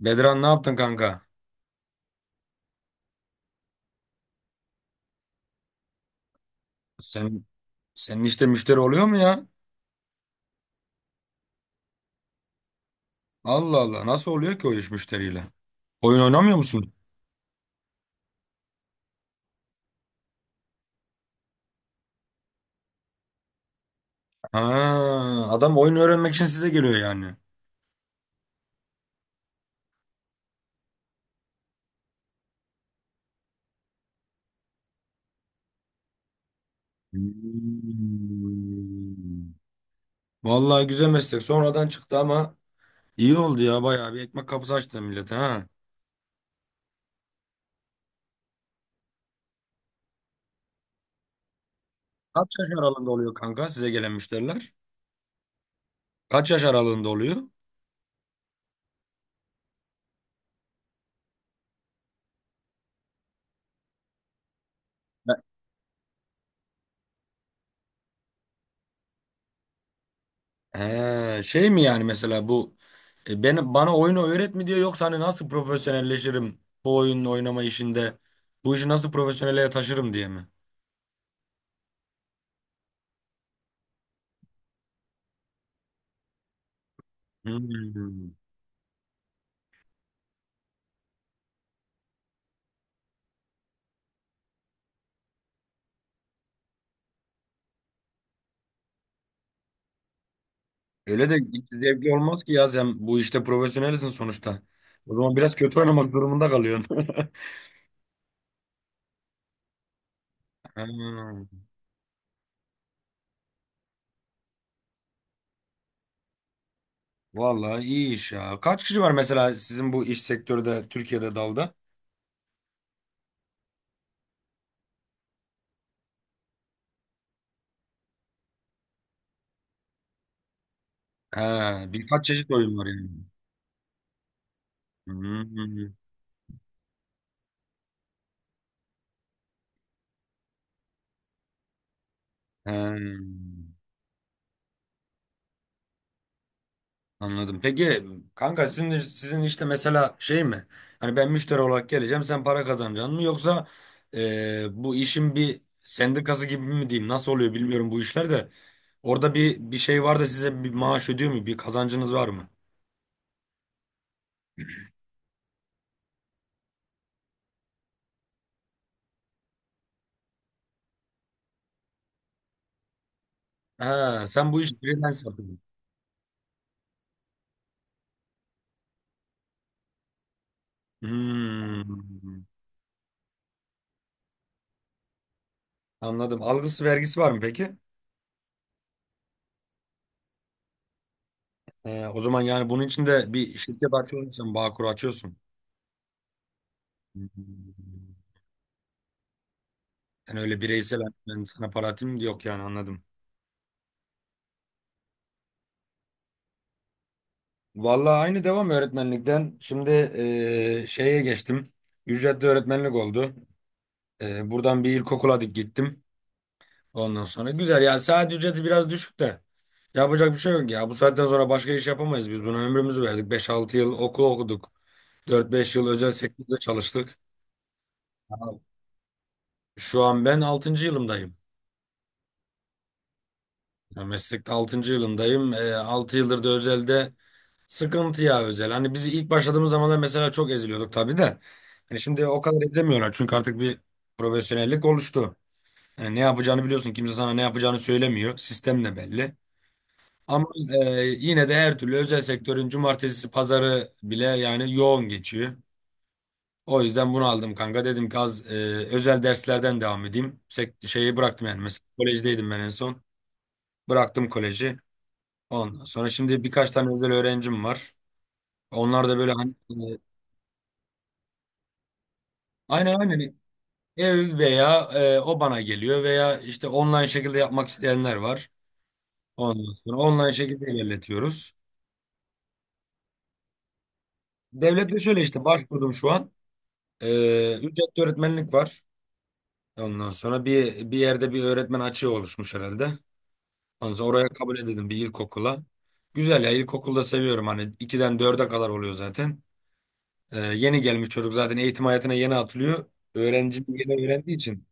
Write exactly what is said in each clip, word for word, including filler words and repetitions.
Bedran ne yaptın kanka? Sen senin işte müşteri oluyor mu ya? Allah Allah nasıl oluyor ki o iş müşteriyle? Oyun oynamıyor musun? Ha, adam oyun öğrenmek için size geliyor yani. Hmm. Vallahi güzel meslek. Sonradan çıktı ama iyi oldu ya. Bayağı bir ekmek kapısı açtı millete ha. Kaç yaş aralığında oluyor kanka size gelen müşteriler? Kaç yaş aralığında oluyor? He, şey mi yani mesela bu e, benim bana oyunu öğret mi diyor yoksa hani nasıl profesyonelleşirim bu oyunun oynama işinde bu işi nasıl profesyonele taşırım diye mi? Hmm. Öyle de hiç zevkli olmaz ki ya sen bu işte profesyonelsin sonuçta. O zaman biraz kötü oynamak durumunda kalıyorsun. Hmm. Vallahi iyi iş ya. Kaç kişi var mesela sizin bu iş sektörde Türkiye'de dalda? He, birkaç çeşit oyun var yani. Hmm. He. Anladım. Peki kanka sizin sizin işte mesela şey mi? Hani ben müşteri olarak geleceğim, sen para kazanacaksın mı? Yoksa e, bu işin bir sendikası gibi mi diyeyim? Nasıl oluyor bilmiyorum bu işler de. Orada bir bir şey var da size bir maaş ödüyor mu? Bir kazancınız var mı? Ha, sen bu iş freelance yapıyorsun. Hmm, anladım. Algısı vergisi var mı peki? E, o zaman yani bunun için de bir şirket açıyorsun, sen Bağkur açıyorsun. Hmm. Yani öyle bireysel hani ben sana para atayım yok yani anladım. Vallahi aynı devam öğretmenlikten. Şimdi eee, şeye geçtim. Ücretli öğretmenlik oldu. Eee, buradan bir ilkokula dik gittim. Ondan sonra güzel ya saat ücreti biraz düşük de. Yapacak bir şey yok ya. Bu saatten sonra başka iş yapamayız biz. Buna ömrümüzü verdik. Beş altı yıl okul okuduk. Dört beş yıl özel sektörde çalıştık. Şu an ben altıncı yılımdayım. Ya meslekte altıncı yılımdayım. Altı yıldır da özelde. Sıkıntı ya özel. Hani biz ilk başladığımız zamanlar mesela çok eziliyorduk tabii de. Hani şimdi o kadar ezemiyorlar çünkü artık bir profesyonellik oluştu. Yani ne yapacağını biliyorsun. Kimse sana ne yapacağını söylemiyor. Sistem de belli. Ama e, yine de her türlü özel sektörün cumartesi pazarı bile yani yoğun geçiyor. O yüzden bunu aldım kanka. Dedim ki az e, özel derslerden devam edeyim. Sek- şeyi bıraktım yani. Mesela kolejdeydim ben en son. Bıraktım koleji. Ondan sonra şimdi birkaç tane özel öğrencim var. Onlar da böyle hani e, aynen aynen. Ev veya e, o bana geliyor veya işte online şekilde yapmak isteyenler var. Ondan sonra online şekilde ilerletiyoruz. Devlette şöyle işte başvurdum şu an. E, Ücretli öğretmenlik var. Ondan sonra bir bir yerde bir öğretmen açığı oluşmuş herhalde. Ondan sonra oraya kabul edildim bir ilkokula. Güzel ya ilkokulda seviyorum hani ikiden dörde kadar oluyor zaten. E, yeni gelmiş çocuk zaten eğitim hayatına yeni atılıyor. Öğrenci yeni öğrendiği için.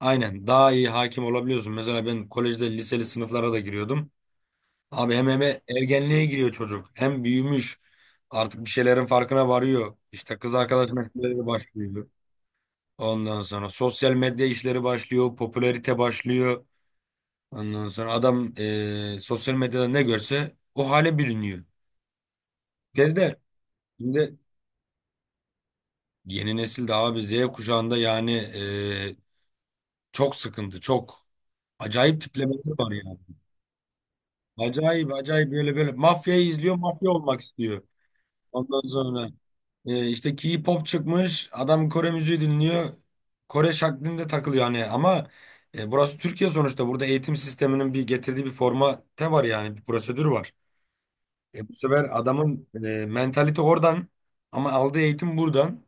Aynen daha iyi hakim olabiliyorsun. Mesela ben kolejde liseli sınıflara da giriyordum. Abi hem hem ergenliğe giriyor çocuk. Hem büyümüş. Artık bir şeylerin farkına varıyor. İşte kız arkadaş meseleleri başlıyor. Ondan sonra sosyal medya işleri başlıyor. Popülarite başlıyor. Ondan sonra adam eee, sosyal medyada ne görse o hale bürünüyor. Gezde şimdi yeni nesilde de abi Z kuşağında yani eee, çok sıkıntı. Çok acayip tiplemeler var yani. Acayip acayip böyle böyle mafyayı izliyor mafya olmak istiyor. Ondan sonra E, işte K-pop çıkmış. Adam Kore müziği dinliyor. Kore şaklinde takılıyor hani ama e, burası Türkiye sonuçta. Burada eğitim sisteminin bir getirdiği bir formate var yani bir prosedür var. E, bu sefer adamın e, mentalite oradan ama aldığı eğitim buradan.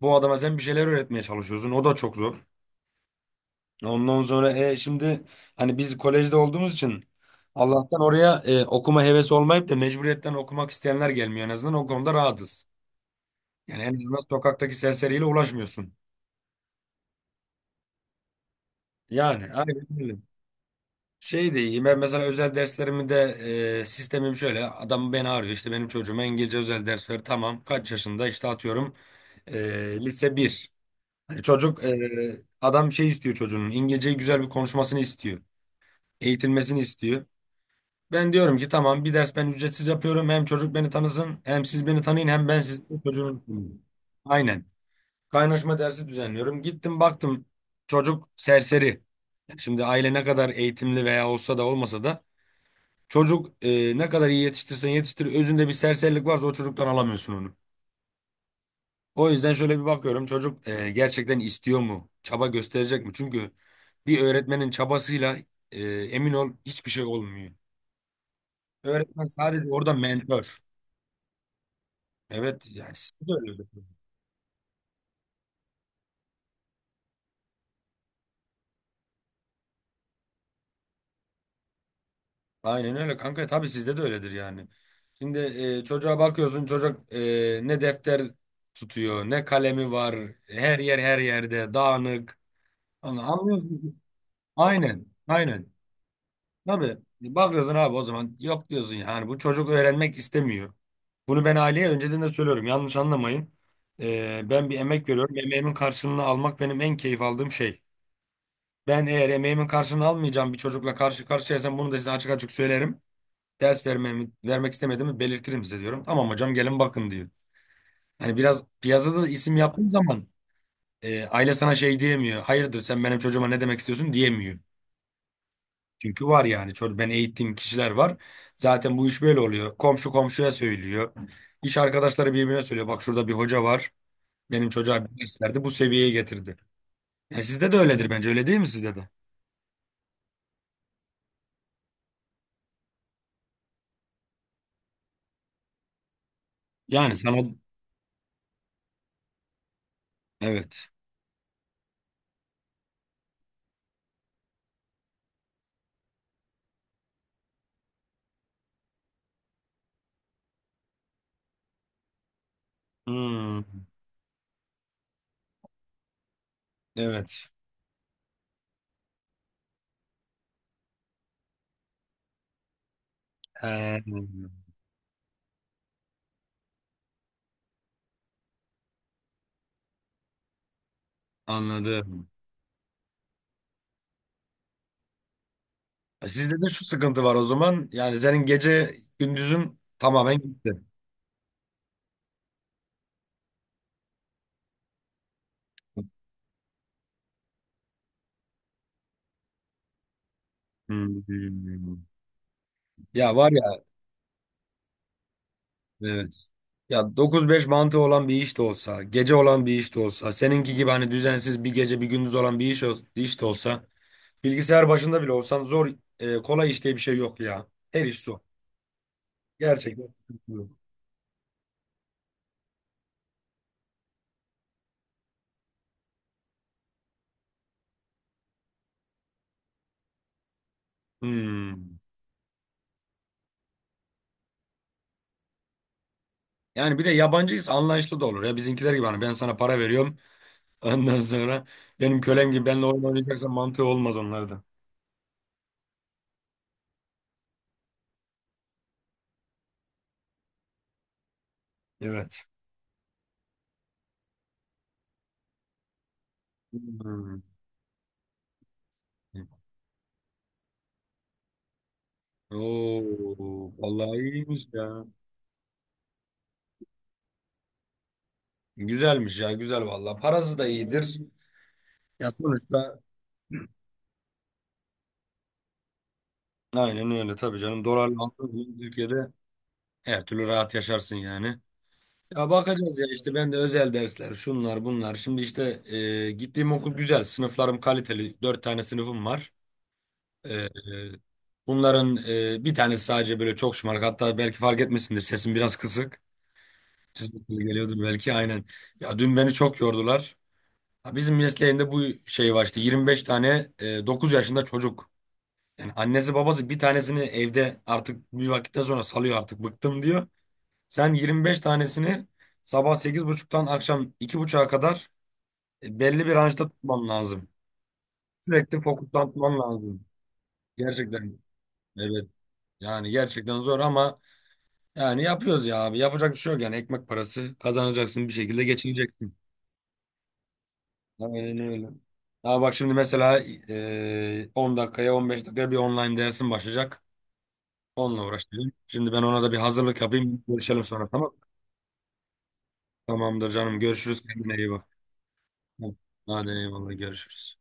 Bu adama sen bir şeyler öğretmeye çalışıyorsun. O da çok zor. Ondan sonra e, şimdi hani biz kolejde olduğumuz için Allah'tan oraya e, okuma hevesi olmayıp da mecburiyetten okumak isteyenler gelmiyor. En azından o konuda rahatız. Yani en azından sokaktaki serseriyle uğraşmıyorsun. Yani aynen öyle. Şey de iyi. Ben mesela özel derslerimi de e, sistemim şöyle. Adam beni arıyor. İşte benim çocuğuma İngilizce özel ders ver. Tamam. Kaç yaşında? İşte atıyorum e, lise bir. Hani çocuk e, adam şey istiyor çocuğunun. İngilizceyi güzel bir konuşmasını istiyor. Eğitilmesini istiyor. Ben diyorum ki tamam bir ders ben ücretsiz yapıyorum. Hem çocuk beni tanısın hem siz beni tanıyın hem ben sizin çocuğunu tanıyayım. Aynen. Kaynaşma dersi düzenliyorum. Gittim baktım çocuk serseri. Yani şimdi aile ne kadar eğitimli veya olsa da olmasa da çocuk e, ne kadar iyi yetiştirsen yetiştir özünde bir serserilik varsa o çocuktan alamıyorsun onu. O yüzden şöyle bir bakıyorum çocuk e, gerçekten istiyor mu? Çaba gösterecek mi? Çünkü bir öğretmenin çabasıyla e, emin ol hiçbir şey olmuyor. Öğretmen sadece orada mentor. Evet yani siz de öyle. Aynen öyle kanka. Tabii sizde de öyledir yani. Şimdi e, çocuğa bakıyorsun çocuk e, ne defter tutuyor ne kalemi var. Her yer her yerde dağınık. Anla- Anlıyorsun. ki- Aynen. Aynen. Tabii. Bakıyorsun abi o zaman yok diyorsun yani bu çocuk öğrenmek istemiyor. Bunu ben aileye önceden de söylüyorum. Yanlış anlamayın. E, ben bir emek veriyorum. Emeğimin karşılığını almak benim en keyif aldığım şey. Ben eğer emeğimin karşılığını almayacağım bir çocukla karşı karşıyaysam bunu da size açık açık söylerim ders vermemi, vermek istemediğimi belirtirim size diyorum. Tamam hocam gelin bakın diyor. Hani biraz piyasada da isim yaptığın zaman e, aile sana şey diyemiyor. Hayırdır sen benim çocuğuma ne demek istiyorsun diyemiyor. Çünkü var yani çocuk ben eğittiğim kişiler var. Zaten bu iş böyle oluyor. Komşu komşuya söylüyor. İş arkadaşları birbirine söylüyor. Bak şurada bir hoca var. Benim çocuğa bir ders verdi bu seviyeye getirdi. Yani sizde de öyledir bence öyle değil mi sizde de? Yani sana evet. Hmm, evet. He, anladım. Sizde de şu sıkıntı var o zaman. Yani senin gece gündüzün tamamen gitti. Hmm. Ya var ya evet. Ya dokuz beş mantığı olan bir iş de olsa, gece olan bir iş de olsa, seninki gibi hani düzensiz bir gece bir gündüz olan bir iş, ol- iş de olsa, bilgisayar başında bile olsan zor, e, kolay iş diye bir şey yok ya. Her iş zor. Gerçekten. Hmm. Yani bir de yabancıyız anlayışlı da olur. Ya bizimkiler gibi hani ben sana para veriyorum. Ondan sonra benim kölem gibi benimle oyun oynayacaksan mantığı olmaz onlarda. Evet. Hmm. Oo, vallahi iyiymiş ya. Güzelmiş ya, güzel vallahi. Parası da iyidir. Ya sonuçta aynen öyle tabii canım. Dolarla aldığın zaman Türkiye'de her türlü rahat yaşarsın yani. Ya bakacağız ya işte ben de özel dersler şunlar bunlar. Şimdi işte e, gittiğim okul güzel. Sınıflarım kaliteli. Dört tane sınıfım var. E, e, Bunların e, bir tanesi sadece böyle çok şımarık. Hatta belki fark etmişsindir sesim biraz kısık. Kesinlikle geliyordur belki aynen. Ya dün beni çok yordular. Ha, bizim mesleğinde bu şey var işte yirmi beş tane dokuz yaşında çocuk. Yani annesi babası bir tanesini evde artık bir vakitten sonra salıyor artık bıktım diyor. Sen yirmi beş tanesini sabah sekiz buçuktan akşam iki buçuğa kadar e, belli bir ranjda tutman lazım. Sürekli fokuslanman lazım. Gerçekten evet. Yani gerçekten zor ama yani yapıyoruz ya abi. Yapacak bir şey yok yani ekmek parası kazanacaksın bir şekilde geçineceksin. Aynen öyle. Ama bak şimdi mesela e, on dakikaya on beş dakikaya bir online dersim başlayacak. Onunla uğraşacağım. Şimdi ben ona da bir hazırlık yapayım. Görüşelim sonra tamam mı? Tamamdır canım. Görüşürüz. Kendine iyi bak. Hadi eyvallah görüşürüz.